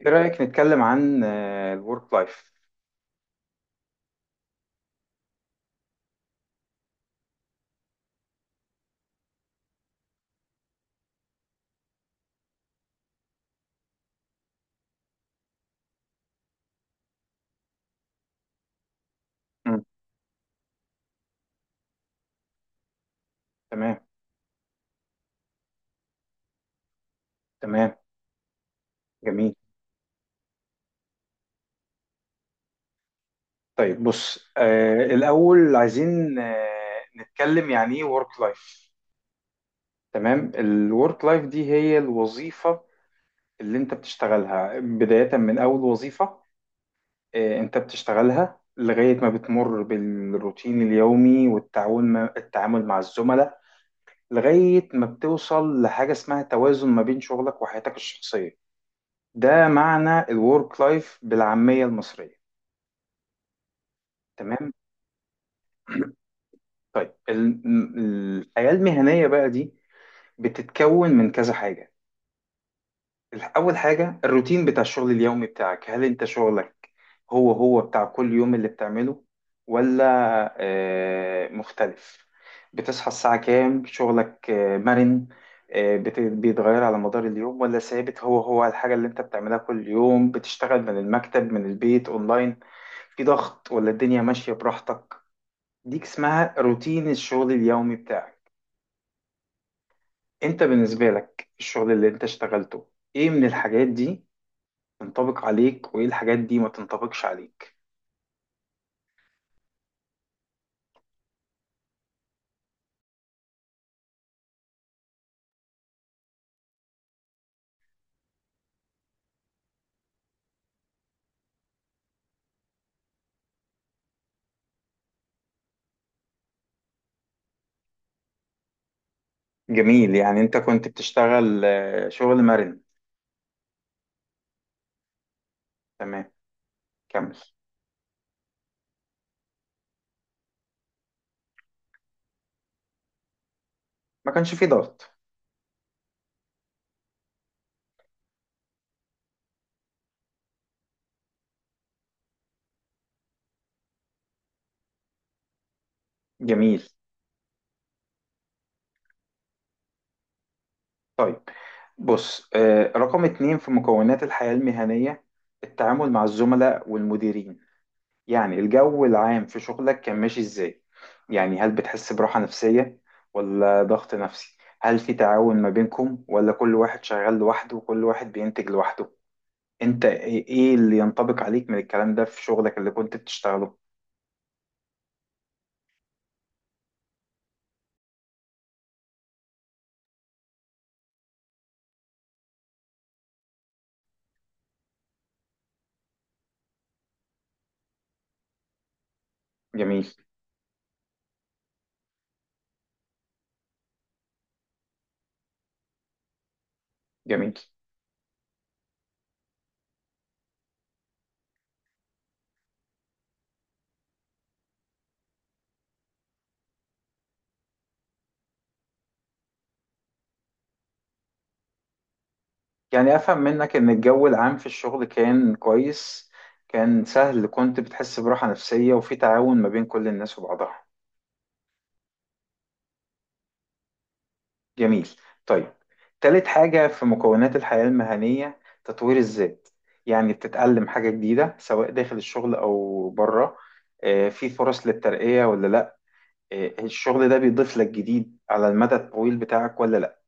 ايه رأيك نتكلم عن الورك لايف؟ تمام. تمام. جميل. طيب بص، الأول عايزين نتكلم يعني ايه ورك لايف. تمام، الورك لايف دي هي الوظيفة اللي انت بتشتغلها، بداية من أول وظيفة انت بتشتغلها لغاية ما بتمر بالروتين اليومي والتعاون التعامل مع الزملاء، لغاية ما بتوصل لحاجة اسمها توازن ما بين شغلك وحياتك الشخصية. ده معنى الورك لايف بالعامية المصرية. تمام. طيب الحياة المهنية بقى دي بتتكون من كذا حاجة. أول حاجة، الروتين بتاع الشغل اليومي بتاعك. هل أنت شغلك هو هو بتاع كل يوم اللي بتعمله، ولا مختلف؟ بتصحى الساعة كام؟ شغلك مرن، بيتغير على مدار اليوم، ولا ثابت هو هو الحاجة اللي أنت بتعملها كل يوم؟ بتشتغل من المكتب، من البيت، أونلاين؟ في ضغط ولا الدنيا ماشية براحتك؟ ديك اسمها روتين الشغل اليومي بتاعك. انت بالنسبة لك الشغل اللي انت اشتغلته، ايه من الحاجات دي تنطبق عليك وايه الحاجات دي ما تنطبقش عليك؟ جميل، يعني انت كنت بتشتغل شغل مرن. تمام، كمل. ما كانش فيه ضغط؟ جميل. طيب بص، رقم اتنين في مكونات الحياة المهنية، التعامل مع الزملاء والمديرين. يعني الجو العام في شغلك كان ماشي ازاي؟ يعني هل بتحس براحة نفسية ولا ضغط نفسي؟ هل في تعاون ما بينكم ولا كل واحد شغال لوحده وكل واحد بينتج لوحده؟ انت ايه، إيه اللي ينطبق عليك من الكلام ده في شغلك اللي كنت بتشتغله؟ جميل. جميل، يعني افهم منك ان الجو العام في الشغل كان كويس، كان سهل، كنت بتحس براحة نفسية وفي تعاون ما بين كل الناس وبعضها. جميل. طيب، تالت حاجة في مكونات الحياة المهنية، تطوير الذات. يعني بتتعلم حاجة جديدة سواء داخل الشغل أو بره، في فرص للترقية ولا لأ، الشغل ده بيضيف لك جديد على المدى الطويل بتاعك ولا لأ؟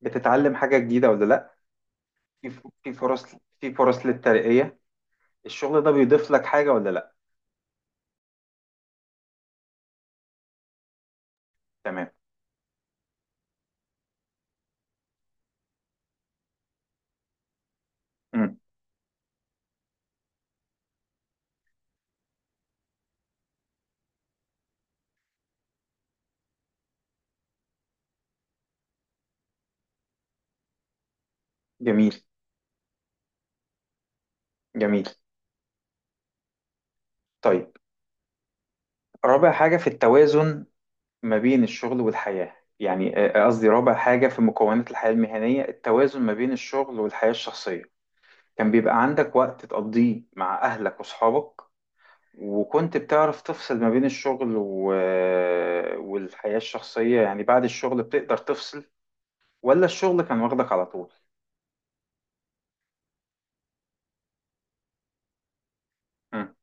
بتتعلم حاجة جديدة ولا لأ؟ في فرص، في فرص للترقية، الشغل ده بيضيف لك حاجة ولا لأ؟ تمام. مم. جميل. جميل. طيب رابع حاجة في التوازن ما بين الشغل والحياة. يعني قصدي رابع حاجة في مكونات الحياة المهنية، التوازن ما بين الشغل والحياة الشخصية. كان بيبقى عندك وقت تقضيه مع أهلك وأصحابك، وكنت بتعرف تفصل ما بين الشغل و... آه، والحياة الشخصية؟ يعني بعد الشغل بتقدر تفصل ولا الشغل كان واخدك على طول؟ مم.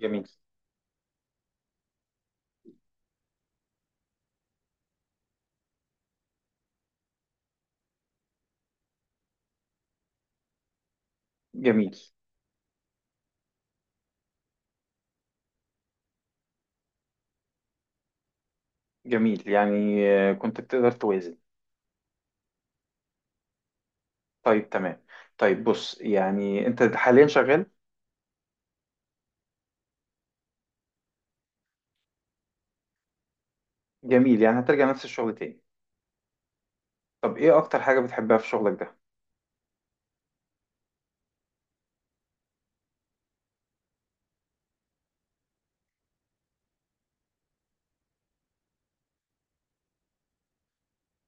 جميل. جميل. جميل، يعني كنت بتقدر توازن. طيب تمام. طيب بص، يعني انت حاليا شغال؟ جميل، يعني هترجع نفس الشغل تاني. طب ايه اكتر حاجة بتحبها في شغلك ده؟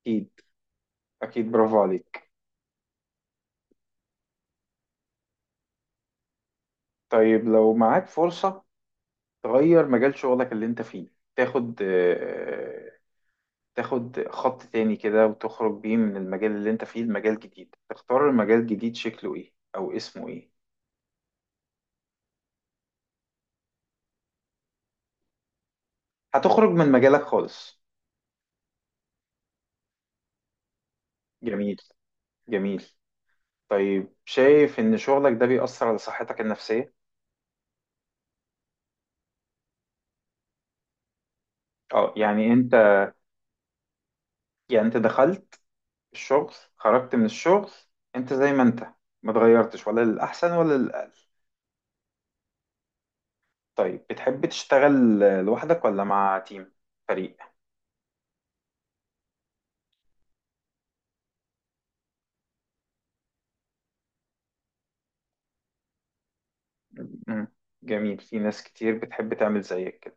اكيد. اكيد، برافو عليك. طيب، لو معاك فرصة تغير مجال شغلك اللي انت فيه، تاخد تاخد خط تاني كده وتخرج بيه من المجال اللي انت فيه لمجال جديد، تختار المجال الجديد شكله ايه او اسمه ايه؟ هتخرج من مجالك خالص. جميل. جميل. طيب، شايف ان شغلك ده بيأثر على صحتك النفسية؟ اه، يعني انت، يعني انت دخلت الشغل، خرجت من الشغل، انت زي ما انت، ما اتغيرتش ولا للأحسن ولا للأقل؟ طيب، بتحب تشتغل لوحدك ولا مع تيم؟ فريق. مم. جميل. في ناس كتير بتحب تعمل زيك كده.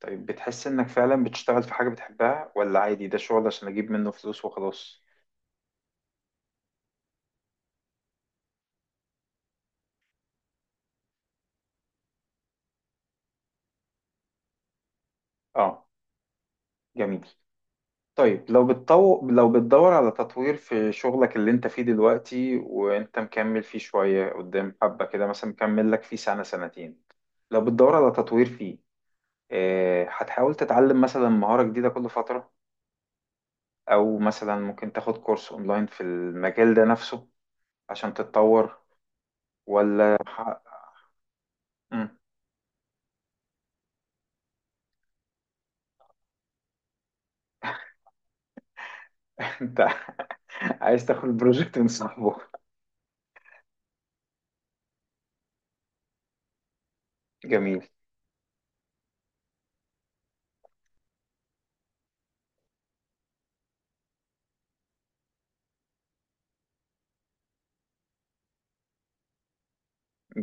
طيب، بتحس انك فعلا بتشتغل في حاجة بتحبها، ولا عادي ده شغل عشان اجيب منه فلوس وخلاص؟ اه. جميل. طيب، لو لو بتدور على تطوير في شغلك اللي انت فيه دلوقتي، وانت مكمل فيه شوية قدام، حبة كده مثلا مكمل لك فيه سنة سنتين، لو بتدور على تطوير فيه، هتحاول تتعلم مثلا مهارة جديدة كل فترة، او مثلا ممكن تاخد كورس اونلاين في المجال ده نفسه عشان تتطور، ولا ح- مم. انت عايز تاخد بروجكت من صاحبه؟ جميل.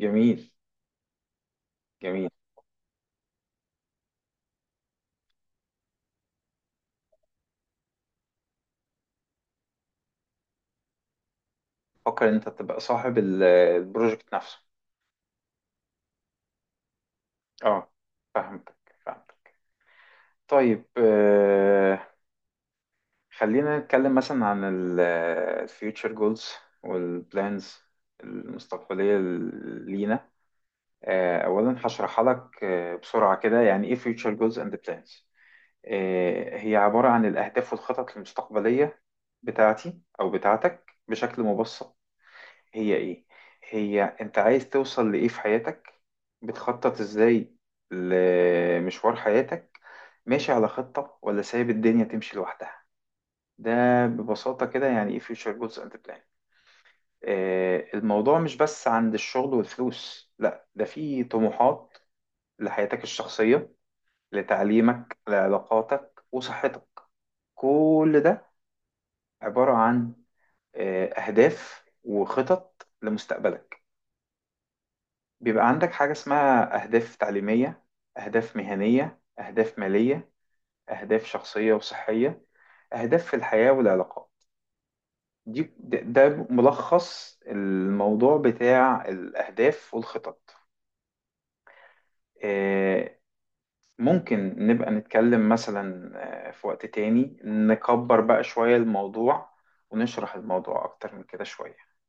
جميل. جميل. فكر ان انت تبقى صاحب البروجكت نفسه. اه، فهمتك. فهمتك. طيب آه، خلينا نتكلم مثلا عن الفيوتشر جولز والبلانز المستقبلية لينا. اولا هشرحها لك بسرعة كده، يعني ايه future goals and plans. هي عبارة عن الأهداف والخطط المستقبلية بتاعتي أو بتاعتك. بشكل مبسط، هي إيه؟ هي أنت عايز توصل لإيه في حياتك؟ بتخطط إزاي لمشوار حياتك؟ ماشي على خطة ولا سايب الدنيا تمشي لوحدها؟ ده ببساطة كده يعني إيه future goals and plan. الموضوع مش بس عند الشغل والفلوس، لا ده فيه طموحات لحياتك الشخصية، لتعليمك، لعلاقاتك وصحتك. كل ده عبارة عن أهداف وخطط لمستقبلك. بيبقى عندك حاجة اسمها أهداف تعليمية، أهداف مهنية، أهداف مالية، أهداف شخصية وصحية، أهداف في الحياة والعلاقات. دي ده ده ملخص الموضوع بتاع الأهداف والخطط. آه، ممكن نبقى نتكلم مثلا في وقت تاني، نكبر بقى شوية الموضوع ونشرح الموضوع أكتر من كده شوية.